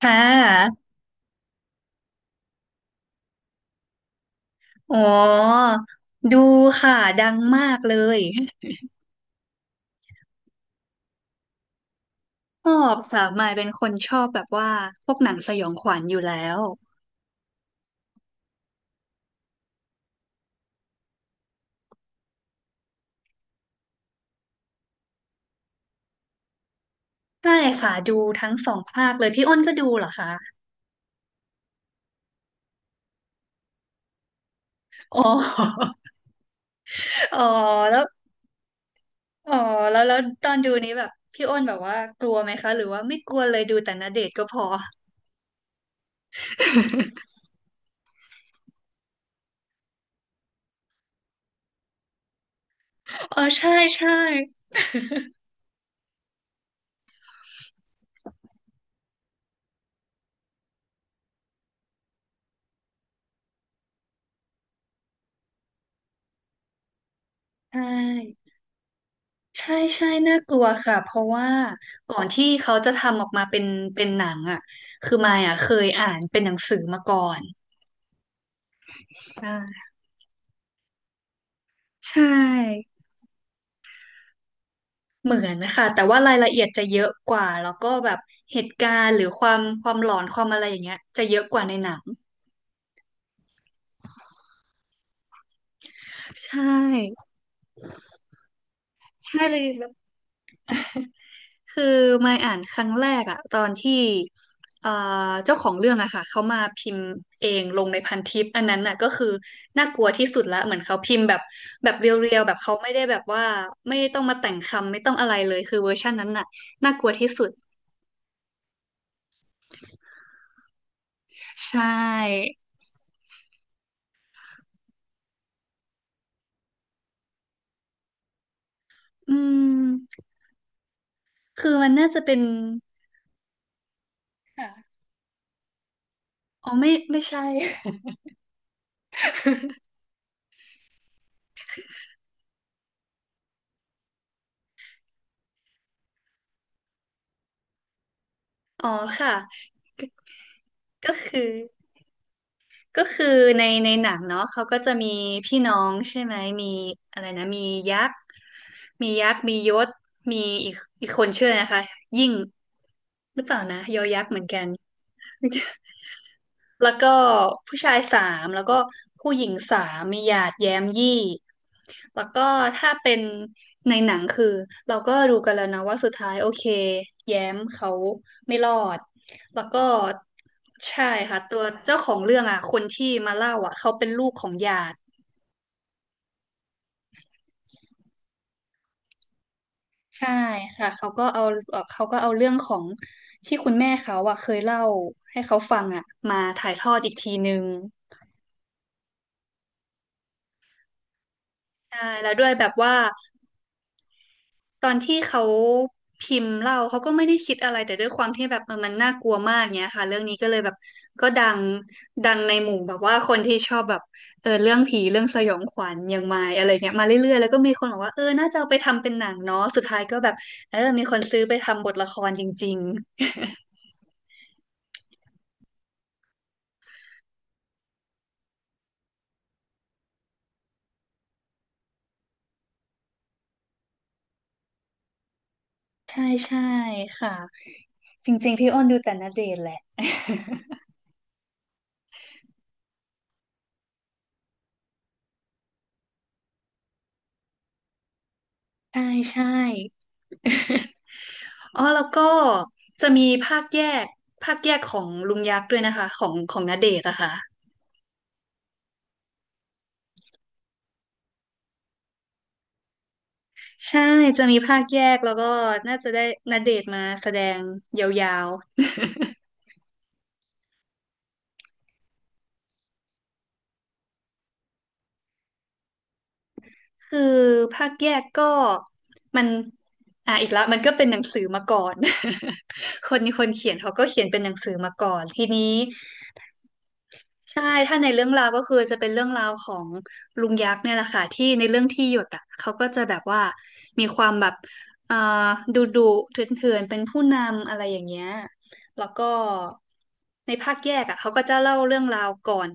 ค่ะอ๋อดูค่ะ ดังมากเลยชอบค่ะมายเป็นคนชอบแบบว่าพวกหนังสยองขวัญอยู่แล้วใช่ค่ะ ดูทั้งสองภาคเลย พี่อ้นก็ดูเหรอคะอ๋อ อ๋อแล้วอ๋อแล้วตอนดูนี้แบบพี่อ้นแบบว่ากลัวไหมคะ หรือว่าไม่กลัวเลยดูแต่ณเดชน์ก็พออ๋อใช่ ใช่ใช่ ใช่ใช่น่ากลัวค่ะเพราะว่าก่อนที่เขาจะทำออกมาเป็นหนังอ่ะคือมายอ่ะเคยอ่านเป็นหนังสือมาก่อนใช่ใช่เหมือนนะคะแต่ว่ารายละเอียดจะเยอะกว่าแล้วก็แบบเหตุการณ์หรือความหลอนความอะไรอย่างเงี้ยจะเยอะกว่าในหนังใช่ใช่เลย คือมายอ่านครั้งแรกอะตอนที่เอ่อเจ้าของเรื่องอะค่ะเขามาพิมพ์เองลงในพันทิปอันนั้นน่ะก็คือน่ากลัวที่สุดละเหมือนเขาพิมพ์แบบแบบเรียวๆแบบเขาไม่ได้แบบว่าไม่ต้องมาแต่งคำไม่ต้องอะไรเลยคือเวอร์ชันนั้นน่ะน่ากลัวที่สุดใช่อืมคือมันน่าจะเป็นค่ะอ๋อไม่ไม่ใช่ อ๋อค่ะก็ก็คือ ก็คือในในหนังเนาะเขาก็จะมีพี่น้องใช่ไหมมีอะไรนะมียักษ์มียักษ์มียศมีอีกอีกคนชื่ออะไรนะคะยิ่งหรือเปล่านะยอยักษ์เหมือนกัน แล้วก็ผู้ชายสามแล้วก็ผู้หญิงสามมีหยาดแย้มยี่แล้วก็ถ้าเป็นในหนังคือเราก็รู้กันแล้วนะว่าสุดท้ายโอเคแย้มเขาไม่รอดแล้วก็ใช่ค่ะตัวเจ้าของเรื่องอ่ะคนที่มาเล่าอ่ะเขาเป็นลูกของหยาดใช่ค่ะเขาก็เอาเขาก็เอาเรื่องของที่คุณแม่เขาอ่ะเคยเล่าให้เขาฟังอ่ะมาถ่ายทอดอีกทีนึงใช่แล้วด้วยแบบว่า ตอนที่เขาพิมพ์เล่าเขาก็ไม่ได้คิดอะไรแต่ด้วยความที่แบบเออมันน่ากลัวมากเงี้ยค่ะเรื่องนี้ก็เลยแบบก็ดังดังในหมู่แบบว่าคนที่ชอบแบบเออเรื่องผีเรื่องสยองขวัญอย่างมายอะไรเงี้ยมาเรื่อยๆแล้วก็มีคนบอกว่าเออน่าจะเอาไปทำเป็นหนังเนาะสุดท้ายก็แบบเออมีคนซื้อไปทำบทละครจริงๆ ใช่ใช่ค่ะจริงๆพี่อ้นดูแต่ณเดชน์แหละ ใช่ใช่ อ๋อแล้วก็จะมีภาคแยกของลุงยักษ์ด้วยนะคะของณเดชน์อะค่ะใช่จะมีภาคแยกแล้วก็น่าจะได้ณเดชน์มาแสดงยาวๆคือภาคแยกก็มันอ่ะอีกแล้วมันก็เป็นหนังสือมาก่อน คนคนเขียนเขาก็เขียนเป็นหนังสือมาก่อนทีนี้ ใช่ถ้าในเรื่องราวก็คือจะเป็นเรื่องราวของลุงยักษ์เนี่ยแหละค่ะที่ในเรื่องที่หยดอ่ะเขาก็จะแบบว่ามีความแบบเอ่อดุดุเถื่อนๆเป็นผู้นำอะไรอย่างเงี้ยแล้วก็ในภาคแยกอ่ะเขาก็จะเล่าเรื่องราวก่อน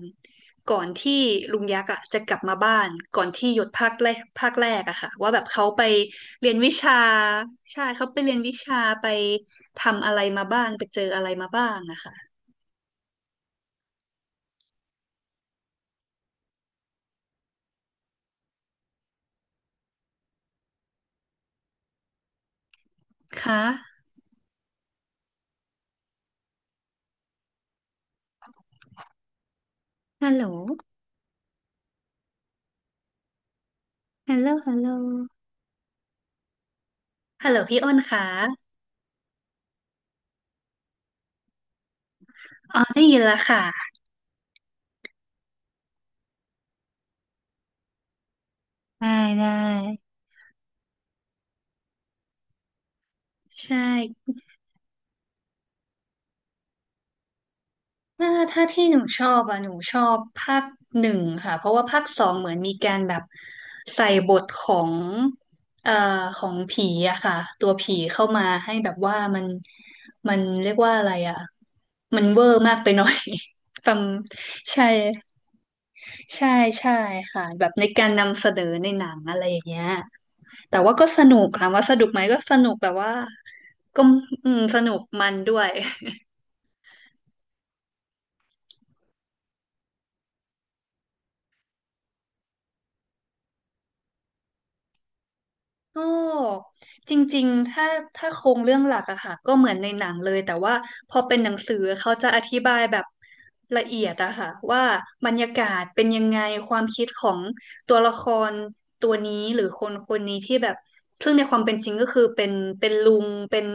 ก่อนที่ลุงยักษ์อ่ะจะกลับมาบ้านก่อนที่หยดภาคแรกอะค่ะว่าแบบเขาไปเรียนวิชาใช่เขาไปเรียนวิชาไปทำอะไรมาบ้างไปเจออะไรมาบ้างนะคะค่ะฮัลโหล ฮัลโหลฮัลโหลฮัลโหลพี่อ้นค่ะอ๋อได้ยินแล้วค่ะ ได้ได้ใช่ ถ้าที่หนูชอบอ่ะหนูชอบภาคหนึ่งค่ะ เพราะว่าภาคสองเหมือนมีการแบบใส่บทของเอ่อของผีอะค่ะ ตัวผีเข้ามาให้แบบว่ามัน มันเรียกว่าอะไรอะมันเวอร์มากไปหน่อย ฟังใช่ ใช่ใช่ค่ะแบบในการนำเสนอในหนังอะไรอย่างเงี้ยแต่ว่าก็สนุกถามว่าสนุกไหมก็สนุกแบบว่าก็อืมสนุกมันด้วย ก็จริงๆถ้าโครงเรื่องหลักอะค่ะก็เหมือนในหนังเลยแต่ว่าพอเป็นหนังสือเขาจะอธิบายแบบละเอียดอะค่ะว่าบรรยากาศเป็นยังไงความคิดของตัวละครตัวนี้หรือคนคนนี้ที่แบบซึ่งในความเป็นจริงก็คือเป็นเป็นลุงเป็น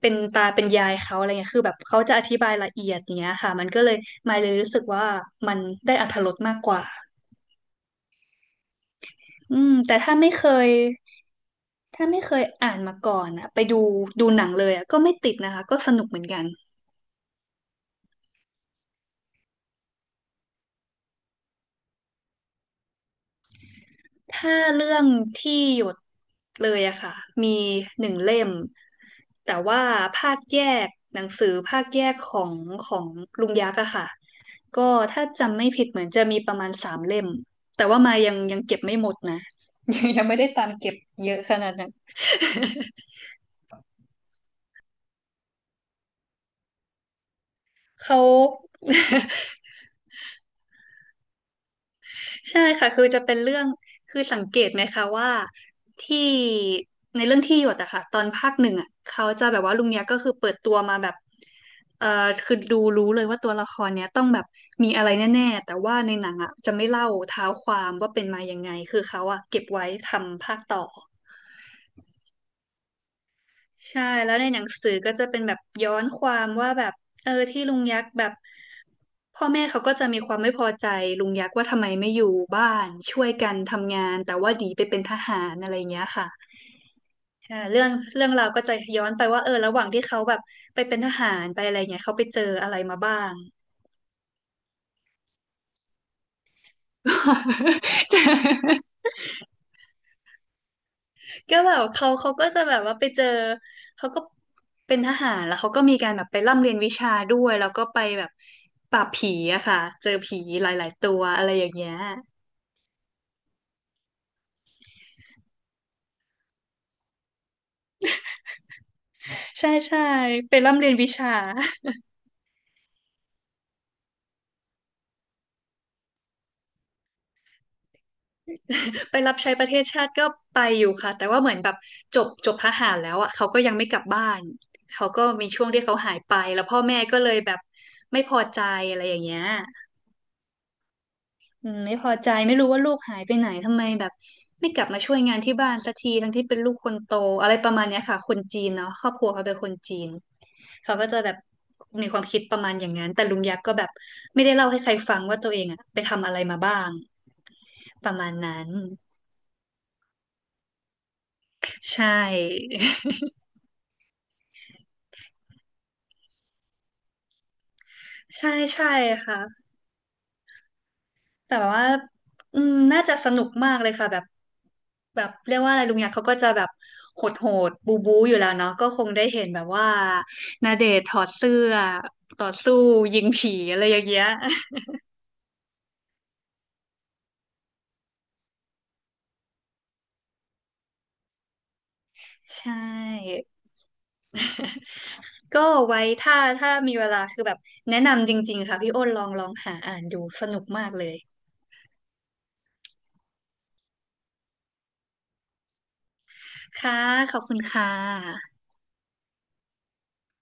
เป็นตาเป็นยายเขาอะไรเงี้ยคือแบบเขาจะอธิบายละเอียดอย่างเงี้ยค่ะมันก็เลยมายเลยรู้สึกว่ามันได้อรรถรสมากกว่า อืมแต่ถ้าไม่เคยถ้าไม่เคยอ่านมาก่อนอะไปดูดูหนังเลยอะก็ไม่ติดนะคะก็สนุกเหมือนกันถ้าเรื่องที่หยดเลยอะค่ะมีหนึ่งเล่มแต่ว่าภาคแยกหนังสือภาคแยกของลุงยักษ์อะค่ะก็ถ้าจำไม่ผิดเหมือนจะมีประมาณสามเล่มแต่ว่ามายังยังเก็บไม่หมดนะ ยังไม่ได้ตามเก็บเยอะขนาดนั้นเขา ใช่ค่ะคือจะเป็นเรื่องคือสังเกตไหมคะว่าที่ในเรื่องที่หยดอะค่ะตอนภาคหนึ่งอะเขาจะแบบว่าลุงเนี้ยก็คือเปิดตัวมาแบบเอ่อคือดูรู้เลยว่าตัวละครเนี้ยต้องแบบมีอะไรแน่ๆแต่ว่าในหนังอะจะไม่เล่าเท้าความว่าเป็นมายังไงคือเขาอะเก็บไว้ทำภาคต่อ ใช่แล้วในหนังสือก็จะเป็นแบบย้อนความว่าแบบเออที่ลุงยักษ์แบบพ่อแม่เขาก็จะมีความไม่พอใจลุงยักษ์ว่าทำไมไม่อยู่บ้านช่วยกันทำงานแต่ว่าหนีไปเป็นทหารอะไรอย่างเงี้ยค่ะอ่าเรื่องเรื่องราวก็จะย้อนไปว่าเออระหว่างที่เขาแบบไปเป็นทหารไปอะไรเงี้ยเขาไปเจออะไรมาบ้าง ก็แบบเขาก็จะแบบว่าไปเจอเขาก็เป็นทหารแล้วเขาก็มีการแบบไปร่ำเรียนวิชาด้วยแล้วก็ไปแบบปราบผีอะค่ะเจอผีหลายๆตัวอะไรอย่างเงี้ยใช่ใช่ไปร่ำเรียนวิชา ไปรับใช้ประเทศชาติก็ไปอยู่ค่ะแต่ว่าเหมือนแบบจบทหารแล้วอะเขาก็ยังไม่กลับบ้านเขาก็มีช่วงที่เขาหายไปแล้วพ่อแม่ก็เลยแบบไม่พอใจอะไรอย่างเงี้ย อืมไม่พอใจไม่รู้ว่าลูกหายไปไหนทำไมแบบไม่กลับมาช่วยงานที่บ้านสักทีทั้งที่เป็นลูกคนโตอะไรประมาณเนี้ยค่ะคนจีนเนาะครอบครัวเขาเป็นคนจีนเขาก็จะแบบมีความคิดประมาณอย่างนั้นแต่ลุงยักษ์ก็แบบไม่ได้เล่าให้ใครฟังว่าตัวเองอะไปทำอะไรมาบ้างประมาณนั้นใช่ ใช่ใช่ค่ะ แต่แบบว่าอืมน่าจะสนุกมากเลยค่ะแบบแบบเรียกว่าอะไรลุงยักษ์เขาก็จะแบบโหดโหดบูบูอยู่แล้วเนาะก็คงได้เห็นแบบว่าณเดชน์ถอดเสื้อต่อสู้ยิงผีอะไรอย่างเงี้ย ใช่ ก็ไว้ถ้ามีเวลาคือแบบแนะนำจริงๆค่ะพี่อ้นลองหาอ่านดูสนุกมากเลย ค่ะขอบคุณค่ะ